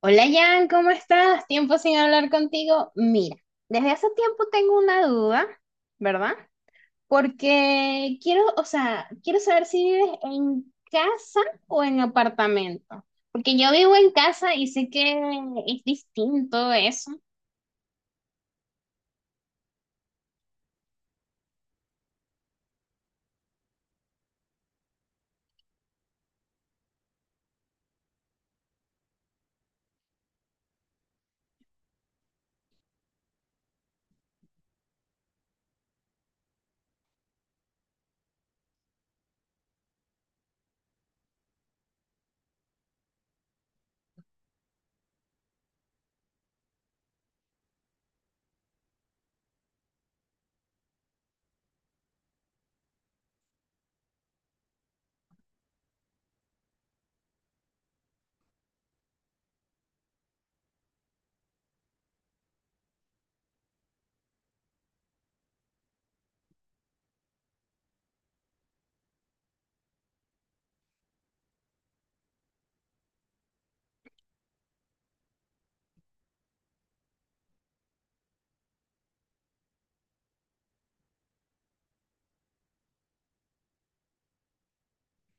Hola Jan, ¿cómo estás? Tiempo sin hablar contigo. Mira, desde hace tiempo tengo una duda, ¿verdad? Porque quiero, o sea, quiero saber si vives en casa o en apartamento. Porque yo vivo en casa y sé que es distinto eso.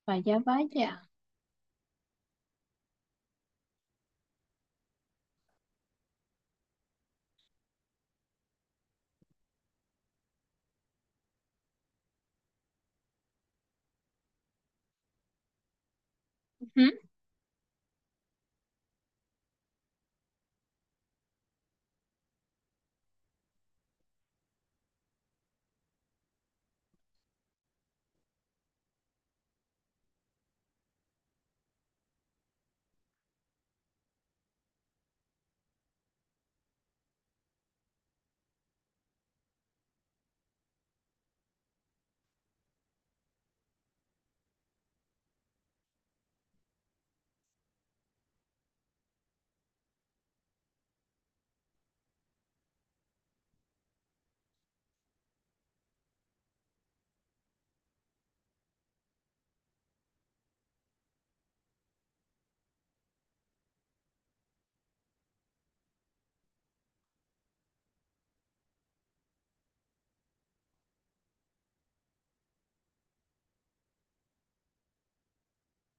Vaya, vaya.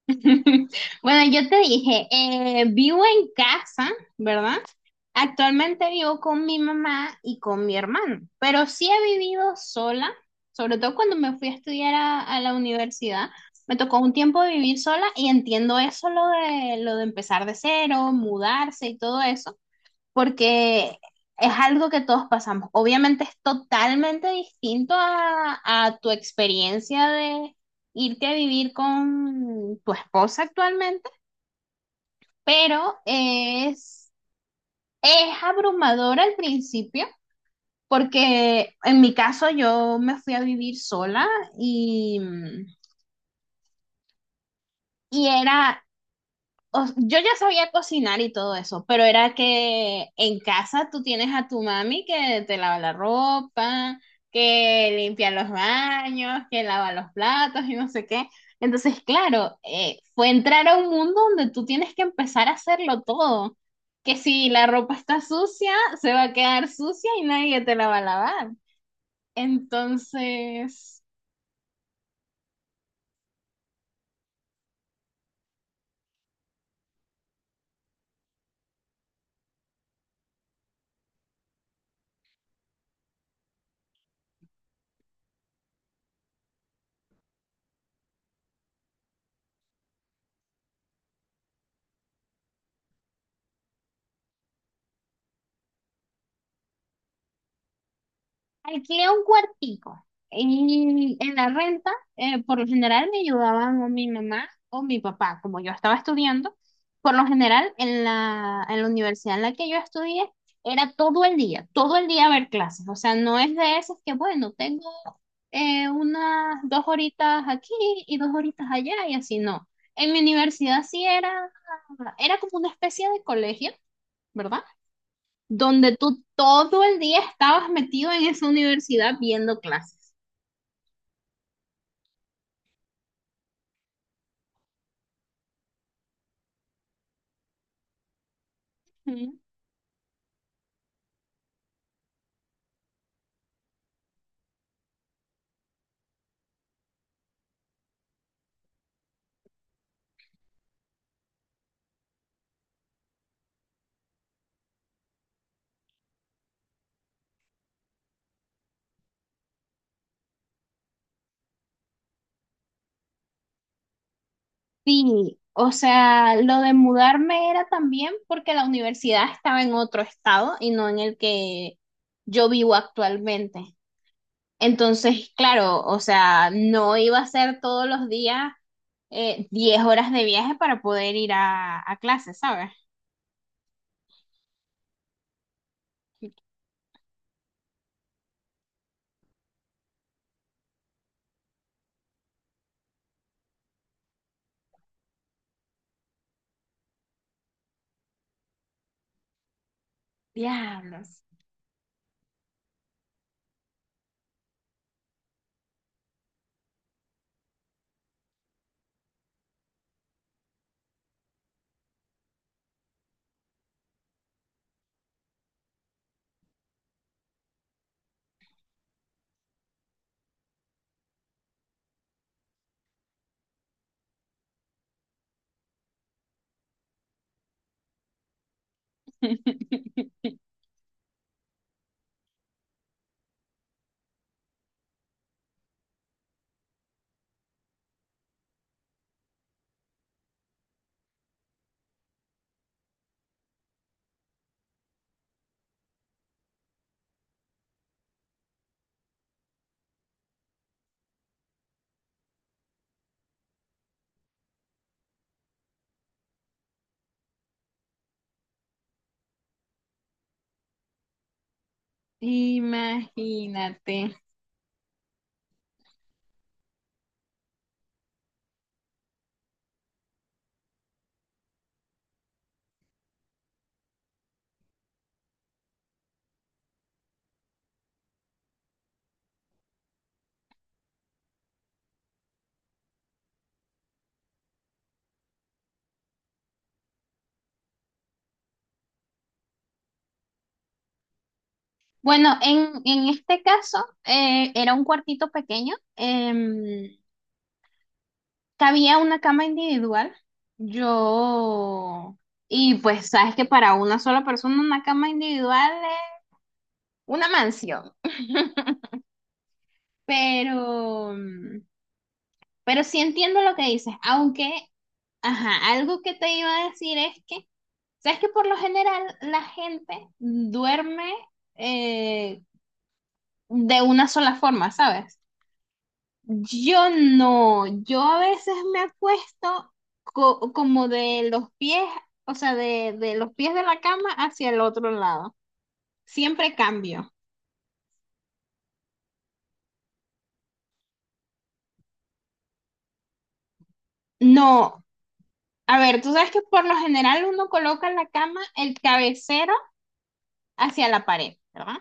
Bueno, yo te dije, vivo en casa, ¿verdad? Actualmente vivo con mi mamá y con mi hermano, pero sí he vivido sola, sobre todo cuando me fui a estudiar a la universidad. Me tocó un tiempo vivir sola y entiendo eso, lo de empezar de cero, mudarse y todo eso porque es algo que todos pasamos. Obviamente es totalmente distinto a tu experiencia de irte a vivir con tu esposa actualmente, pero es, es abrumador al principio, porque en mi caso yo me fui a vivir sola y, y era yo ya sabía cocinar y todo eso, pero era que en casa tú tienes a tu mami que te lava la ropa, que limpia los baños, que lava los platos y no sé qué. Entonces, claro, fue entrar a un mundo donde tú tienes que empezar a hacerlo todo. Que si la ropa está sucia, se va a quedar sucia y nadie te la va a lavar. Entonces... Alquilé un cuartico y en la renta, por lo general me ayudaban o mi mamá o mi papá, como yo estaba estudiando. Por lo general, en la universidad en la que yo estudié, era todo el día ver clases. O sea, no es de esas que, bueno, tengo unas dos horitas aquí y dos horitas allá y así no. En mi universidad era como una especie de colegio, ¿verdad? Donde tú todo el día estabas metido en esa universidad viendo clases. Ujú. Sí, o sea, lo de mudarme era también porque la universidad estaba en otro estado y no en el que yo vivo actualmente. Entonces, claro, o sea, no iba a ser todos los días 10 horas de viaje para poder ir a clases, ¿sabes? Diablos. Imagínate. Bueno, en este caso era un cuartito pequeño, cabía una cama individual, yo, y pues sabes que para una sola persona una cama individual es una mansión, pero, mm, pero sí entiendo lo que dices, aunque, ajá, algo que te iba a decir es que, sabes que por lo general la gente duerme eh, de una sola forma, ¿sabes? Yo no, yo a veces me acuesto como de los pies, o sea, de los pies de la cama hacia el otro lado. Siempre cambio. No, a ver, tú sabes que por lo general uno coloca la cama, el cabecero hacia la pared, ¿verdad?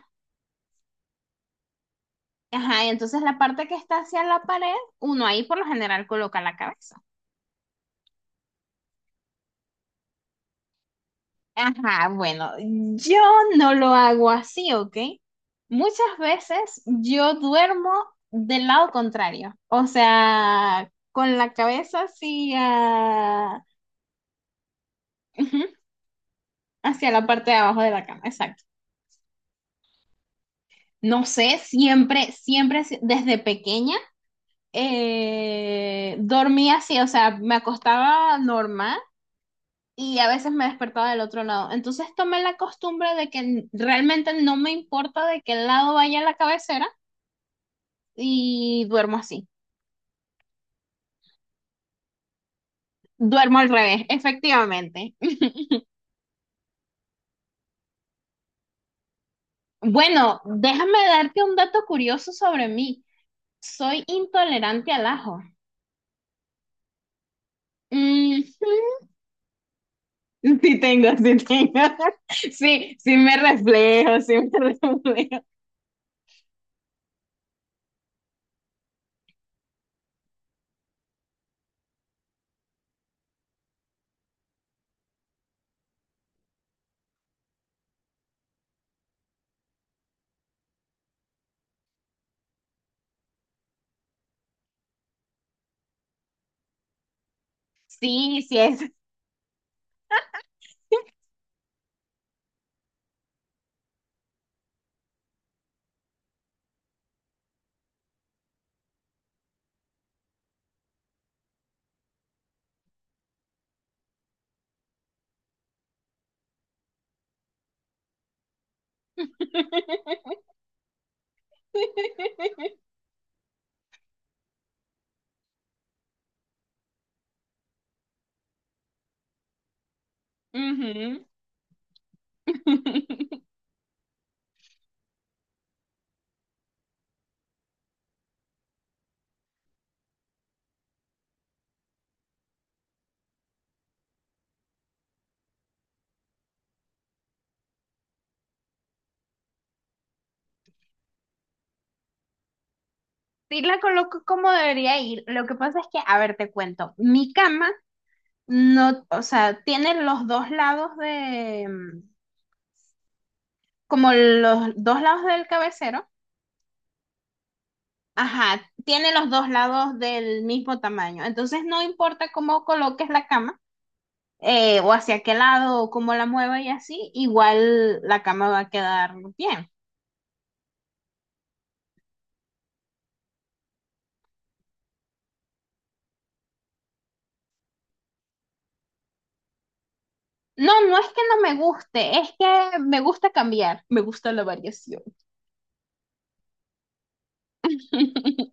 Ajá, y entonces la parte que está hacia la pared, uno ahí por lo general coloca la cabeza. Ajá, bueno, yo no lo hago así, ¿ok? Muchas veces yo duermo del lado contrario, o sea, con la cabeza hacia, ujú, hacia la parte de abajo de la cama, exacto. No sé, siempre, desde pequeña, dormía así, o sea, me acostaba normal y a veces me despertaba del otro lado. Entonces tomé la costumbre de que realmente no me importa de qué lado vaya la cabecera y duermo así. Duermo al revés, efectivamente. Bueno, déjame darte un dato curioso sobre mí. Soy intolerante al ajo. Mm, Sí tengo, sí tengo. Sí, sí me reflejo, sí me reflejo. Sí, sí es. Ujú. Sí la coloco como debería ir. Lo que pasa es que, a ver, te cuento. Mi cama no, o sea, tiene los dos lados de, como los dos lados del cabecero, ajá, tiene los dos lados del mismo tamaño. Entonces no importa cómo coloques la cama, o hacia qué lado, o cómo la mueva y así, igual la cama va a quedar bien. No, no es que no me guste, es que me gusta cambiar, me gusta la variación.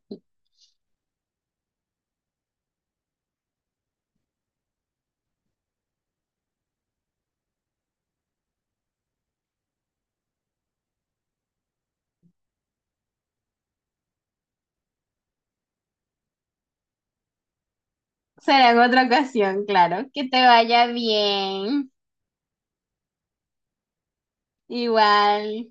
Será en otra ocasión, claro. Que te vaya bien. Igual.